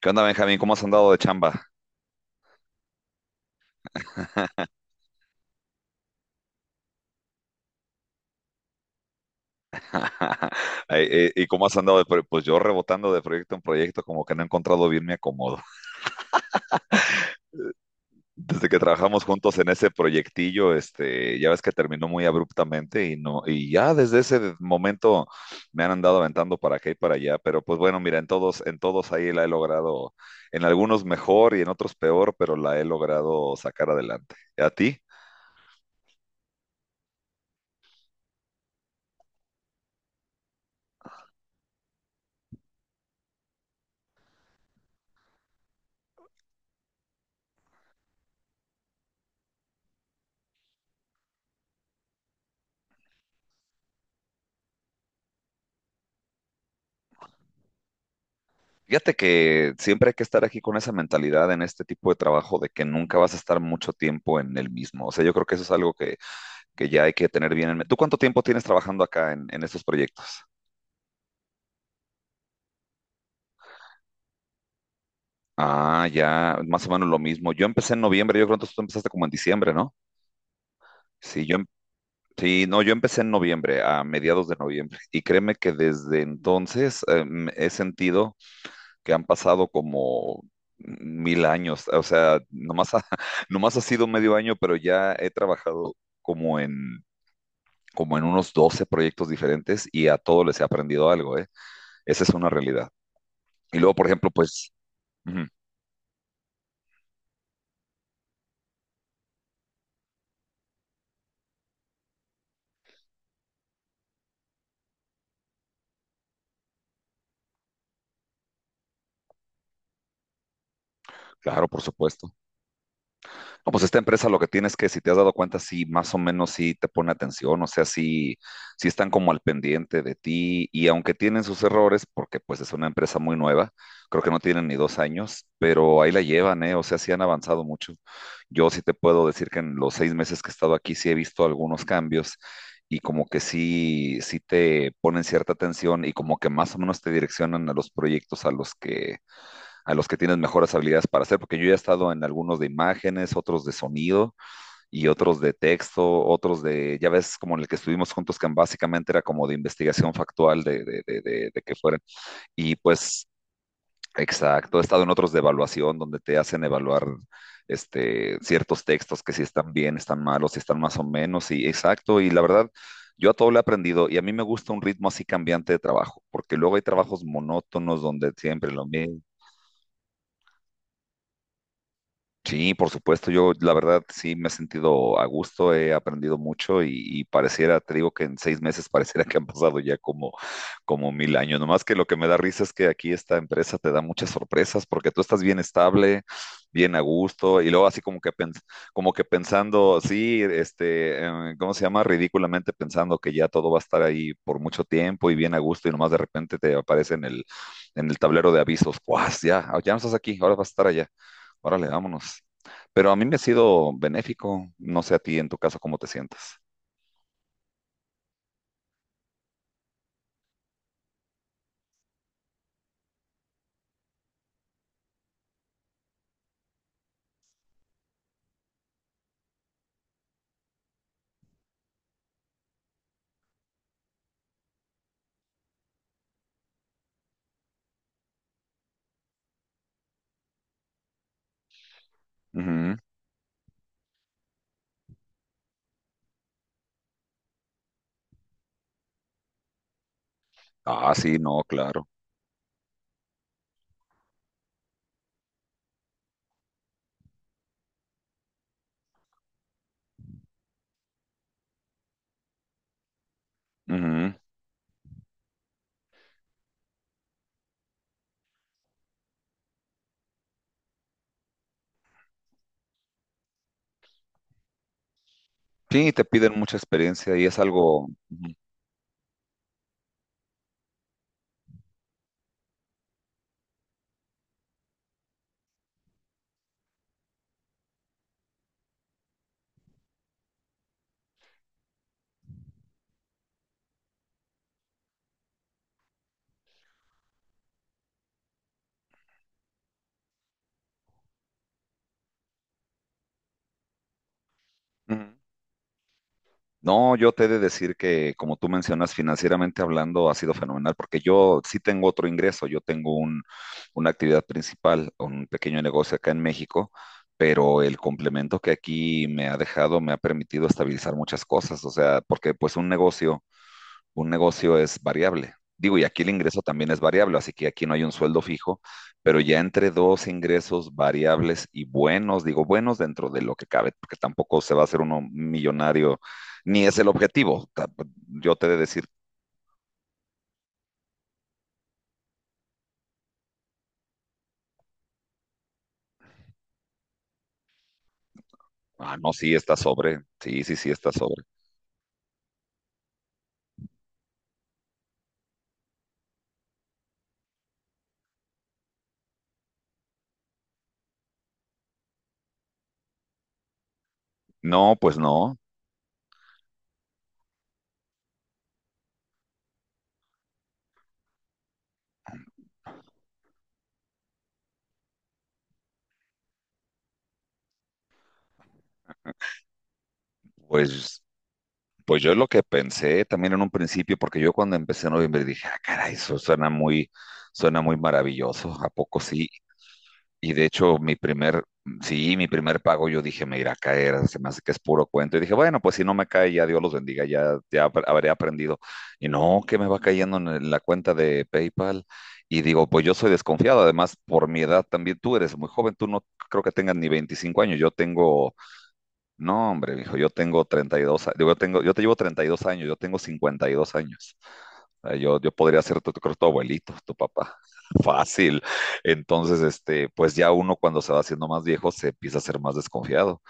¿Qué onda, Benjamín? ¿Cómo has andado de chamba? Ay, ¿Y cómo has andado de pro- Pues yo rebotando de proyecto en proyecto, como que no he encontrado bien mi acomodo. Desde que trabajamos juntos en ese proyectillo, ya ves que terminó muy abruptamente y no, y ya desde ese momento me han andado aventando para acá y para allá. Pero pues bueno, mira, en todos ahí la he logrado, en algunos mejor y en otros peor, pero la he logrado sacar adelante. ¿A ti? Fíjate que siempre hay que estar aquí con esa mentalidad en este tipo de trabajo de que nunca vas a estar mucho tiempo en el mismo. O sea, yo creo que eso es algo que ya hay que tener bien en mente. ¿Tú cuánto tiempo tienes trabajando acá en estos proyectos? Ah, ya, más o menos lo mismo. Yo empecé en noviembre, yo creo que tú empezaste como en diciembre, ¿no? Sí, sí, no, yo empecé en noviembre, a mediados de noviembre. Y créeme que desde entonces he sentido que han pasado como mil años. O sea, nomás ha sido medio año, pero ya he trabajado como en, como en unos 12 proyectos diferentes y a todos les he aprendido algo, ¿eh? Esa es una realidad. Y luego, por ejemplo, pues, ujú, claro, por supuesto. No, pues esta empresa lo que tienes es que si te has dado cuenta, sí, más o menos sí te pone atención. O sea, sí, sí están como al pendiente de ti y aunque tienen sus errores, porque pues es una empresa muy nueva, creo que no tienen ni 2 años, pero ahí la llevan, ¿eh? O sea, sí han avanzado mucho. Yo sí te puedo decir que en los seis meses que he estado aquí sí he visto algunos cambios y como que sí, sí te ponen cierta atención y como que más o menos te direccionan a los proyectos a los que tienen mejores habilidades para hacer, porque yo ya he estado en algunos de imágenes, otros de sonido y otros de texto, otros de, ya ves, como en el que estuvimos juntos, que básicamente era como de investigación factual de que fueran. Y pues, exacto, he estado en otros de evaluación, donde te hacen evaluar ciertos textos que si están bien, están malos, si están más o menos, y exacto, y la verdad. Yo a todo le he aprendido y a mí me gusta un ritmo así cambiante de trabajo, porque luego hay trabajos monótonos donde siempre lo mismo. Sí, por supuesto, yo la verdad sí me he sentido a gusto, he aprendido mucho y pareciera, te digo que en 6 meses pareciera que han pasado ya como como mil años. Nomás que lo que me da risa es que aquí esta empresa te da muchas sorpresas porque tú estás bien estable, bien a gusto y luego así como que, como que pensando, sí, ¿cómo se llama? Ridículamente pensando que ya todo va a estar ahí por mucho tiempo y bien a gusto y nomás de repente te aparece en el tablero de avisos, ¡guas! Ya, ya no estás aquí, ahora vas a estar allá. Órale, vámonos. Pero a mí me ha sido benéfico. No sé a ti en tu caso cómo te sientes. Ujú. Ah, sí, no, claro. Ujú. Sí, te piden mucha experiencia y es algo. Ujú. Ujú. No, yo te he de decir que, como tú mencionas, financieramente hablando ha sido fenomenal, porque yo sí tengo otro ingreso, yo tengo una actividad principal, un pequeño negocio acá en México, pero el complemento que aquí me ha dejado me ha permitido estabilizar muchas cosas. O sea, porque pues un negocio es variable. Digo, y aquí el ingreso también es variable, así que aquí no hay un sueldo fijo, pero ya entre dos ingresos variables y buenos, digo buenos dentro de lo que cabe, porque tampoco se va a hacer uno millonario, ni es el objetivo. Yo te he de decir, ah, no, sí está sobre, sí, sí, sí está sobre. No, pues no, pues, pues yo lo que pensé también en un principio, porque yo cuando empecé en noviembre dije, ah, caray, eso suena muy maravilloso. ¿A poco sí? Y de hecho, sí, mi primer pago yo dije, me irá a caer, se me hace que es puro cuento. Y dije, bueno, pues si no me cae, ya Dios los bendiga, habré aprendido. Y no, que me va cayendo en la cuenta de PayPal. Y digo, pues yo soy desconfiado, además por mi edad también, tú eres muy joven, tú no creo que tengas ni 25 años, yo tengo no, hombre, mijo, yo tengo 32, yo te llevo 32 años, yo tengo 52 años. Yo, yo podría ser creo, tu abuelito, tu papá. Fácil. Entonces, pues ya uno cuando se va haciendo más viejo se empieza a ser más desconfiado.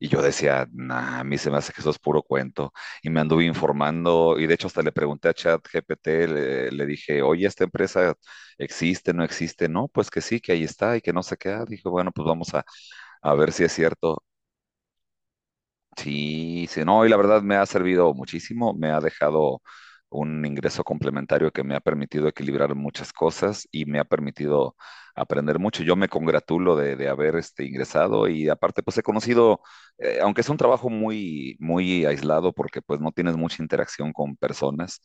Y yo decía, nah, a mí se me hace que eso es puro cuento. Y me anduve informando, y de hecho hasta le pregunté a ChatGPT, le dije, oye, ¿esta empresa existe? No, pues que sí, que ahí está y que no se queda. Dije, bueno, pues vamos a ver si es cierto. Sí, sí, no, y la verdad me ha servido muchísimo, me ha dejado un ingreso complementario que me ha permitido equilibrar muchas cosas y me ha permitido aprender mucho. Yo me congratulo de haber ingresado y aparte pues he conocido, aunque es un trabajo muy, muy aislado porque pues no tienes mucha interacción con personas,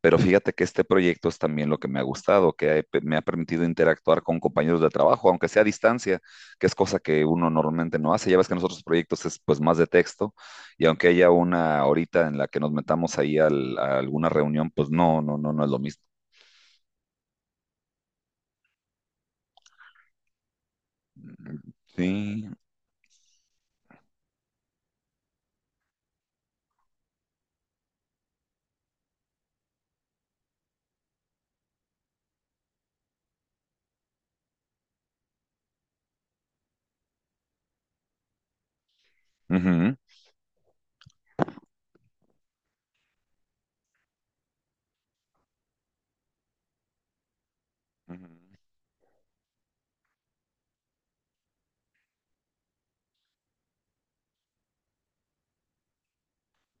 pero fíjate que este proyecto es también lo que me ha gustado, que me ha permitido interactuar con compañeros de trabajo, aunque sea a distancia, que es cosa que uno normalmente no hace. Ya ves que en los otros proyectos es pues más de texto y aunque haya una horita en la que nos metamos ahí a alguna reunión, pues no, no, no, no es lo mismo. Sí, ujú, ujú,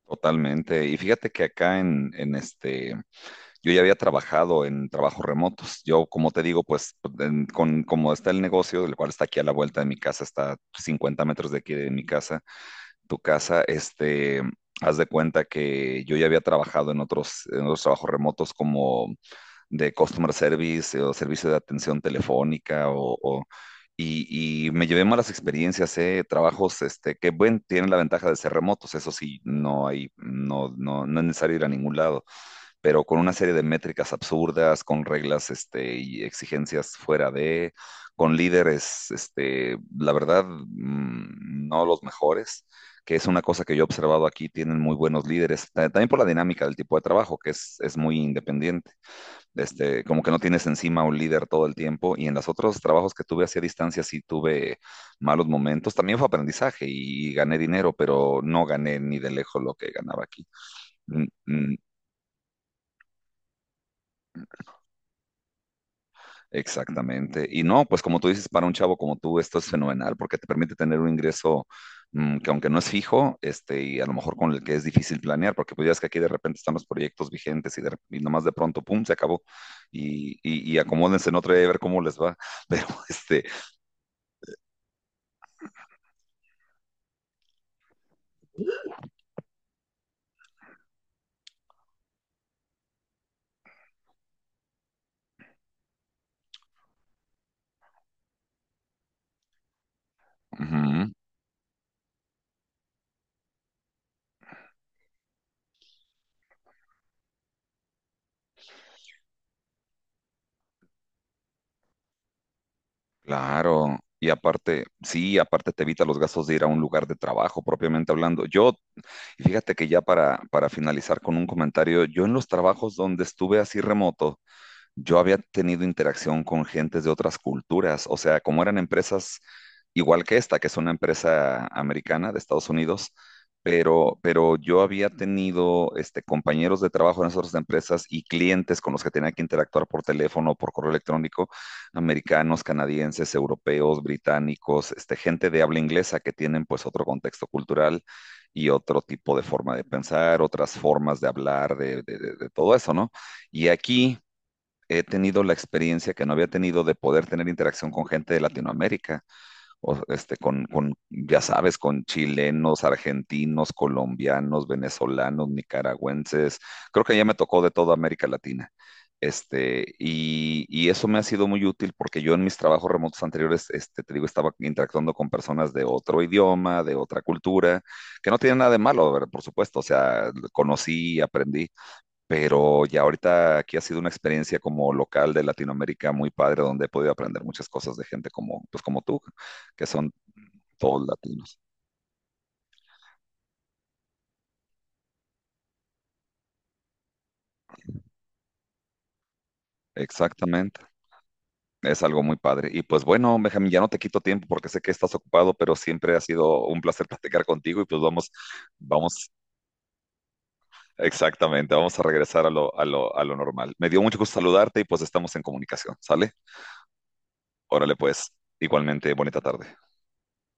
totalmente. Y fíjate que acá en, yo ya había trabajado en trabajos remotos. Como te digo, como está el negocio, el cual está aquí a la vuelta de mi casa, está 50 metros de aquí de mi casa, tu casa, este, haz de cuenta que yo ya había trabajado en otros trabajos remotos como de customer service o servicio de atención telefónica y me llevé malas experiencias. Eh, trabajos que bueno, tienen la ventaja de ser remotos, eso sí, no, no, no es necesario ir a ningún lado, pero con una serie de métricas absurdas, con reglas y exigencias fuera de, con líderes, la verdad, no los mejores, que es una cosa que yo he observado aquí, tienen muy buenos líderes, también por la dinámica del tipo de trabajo, que es muy independiente, como que no tienes encima un líder todo el tiempo. Y en los otros trabajos que tuve hacia distancia sí tuve malos momentos. También fue aprendizaje y gané dinero, pero no gané ni de lejos lo que ganaba aquí. Mm, mm, exactamente. Y no, pues como tú dices, para un chavo como tú, esto es fenomenal porque te permite tener un ingreso, que aunque no es fijo, y a lo mejor con el que es difícil planear, porque pues ya es que aquí de repente están los proyectos vigentes y nomás de pronto, pum, se acabó y acomódense en otra y a ver cómo les va, pero ujú. Claro, y aparte, sí, aparte te evita los gastos de ir a un lugar de trabajo, propiamente hablando. Y fíjate que ya para finalizar con un comentario, yo en los trabajos donde estuve así remoto, yo había tenido interacción con gentes de otras culturas. O sea, como eran empresas igual que esta, que es una empresa americana de Estados Unidos, pero, yo había tenido compañeros de trabajo en esas otras empresas y clientes con los que tenía que interactuar por teléfono, por correo electrónico, americanos, canadienses, europeos, británicos, gente de habla inglesa que tienen pues otro contexto cultural y otro tipo de forma de pensar, otras formas de hablar, de todo eso, ¿no? Y aquí he tenido la experiencia que no había tenido de poder tener interacción con gente de Latinoamérica, o ya sabes, con chilenos, argentinos, colombianos, venezolanos, nicaragüenses. Creo que ya me tocó de toda América Latina. Y y eso me ha sido muy útil porque yo en mis trabajos remotos anteriores, te digo, estaba interactuando con personas de otro idioma, de otra cultura, que no tiene nada de malo, a por supuesto, o sea, conocí, aprendí, pero ya ahorita aquí ha sido una experiencia como local de Latinoamérica muy padre, donde he podido aprender muchas cosas de gente como, pues como tú, que son todos latinos. Exactamente. Es algo muy padre. Y pues bueno, Benjamín, ya no te quito tiempo porque sé que estás ocupado, pero siempre ha sido un placer platicar contigo y pues vamos, vamos, exactamente, vamos a regresar a lo, a lo normal. Me dio mucho gusto saludarte y pues estamos en comunicación, ¿sale? Órale pues, igualmente, bonita tarde.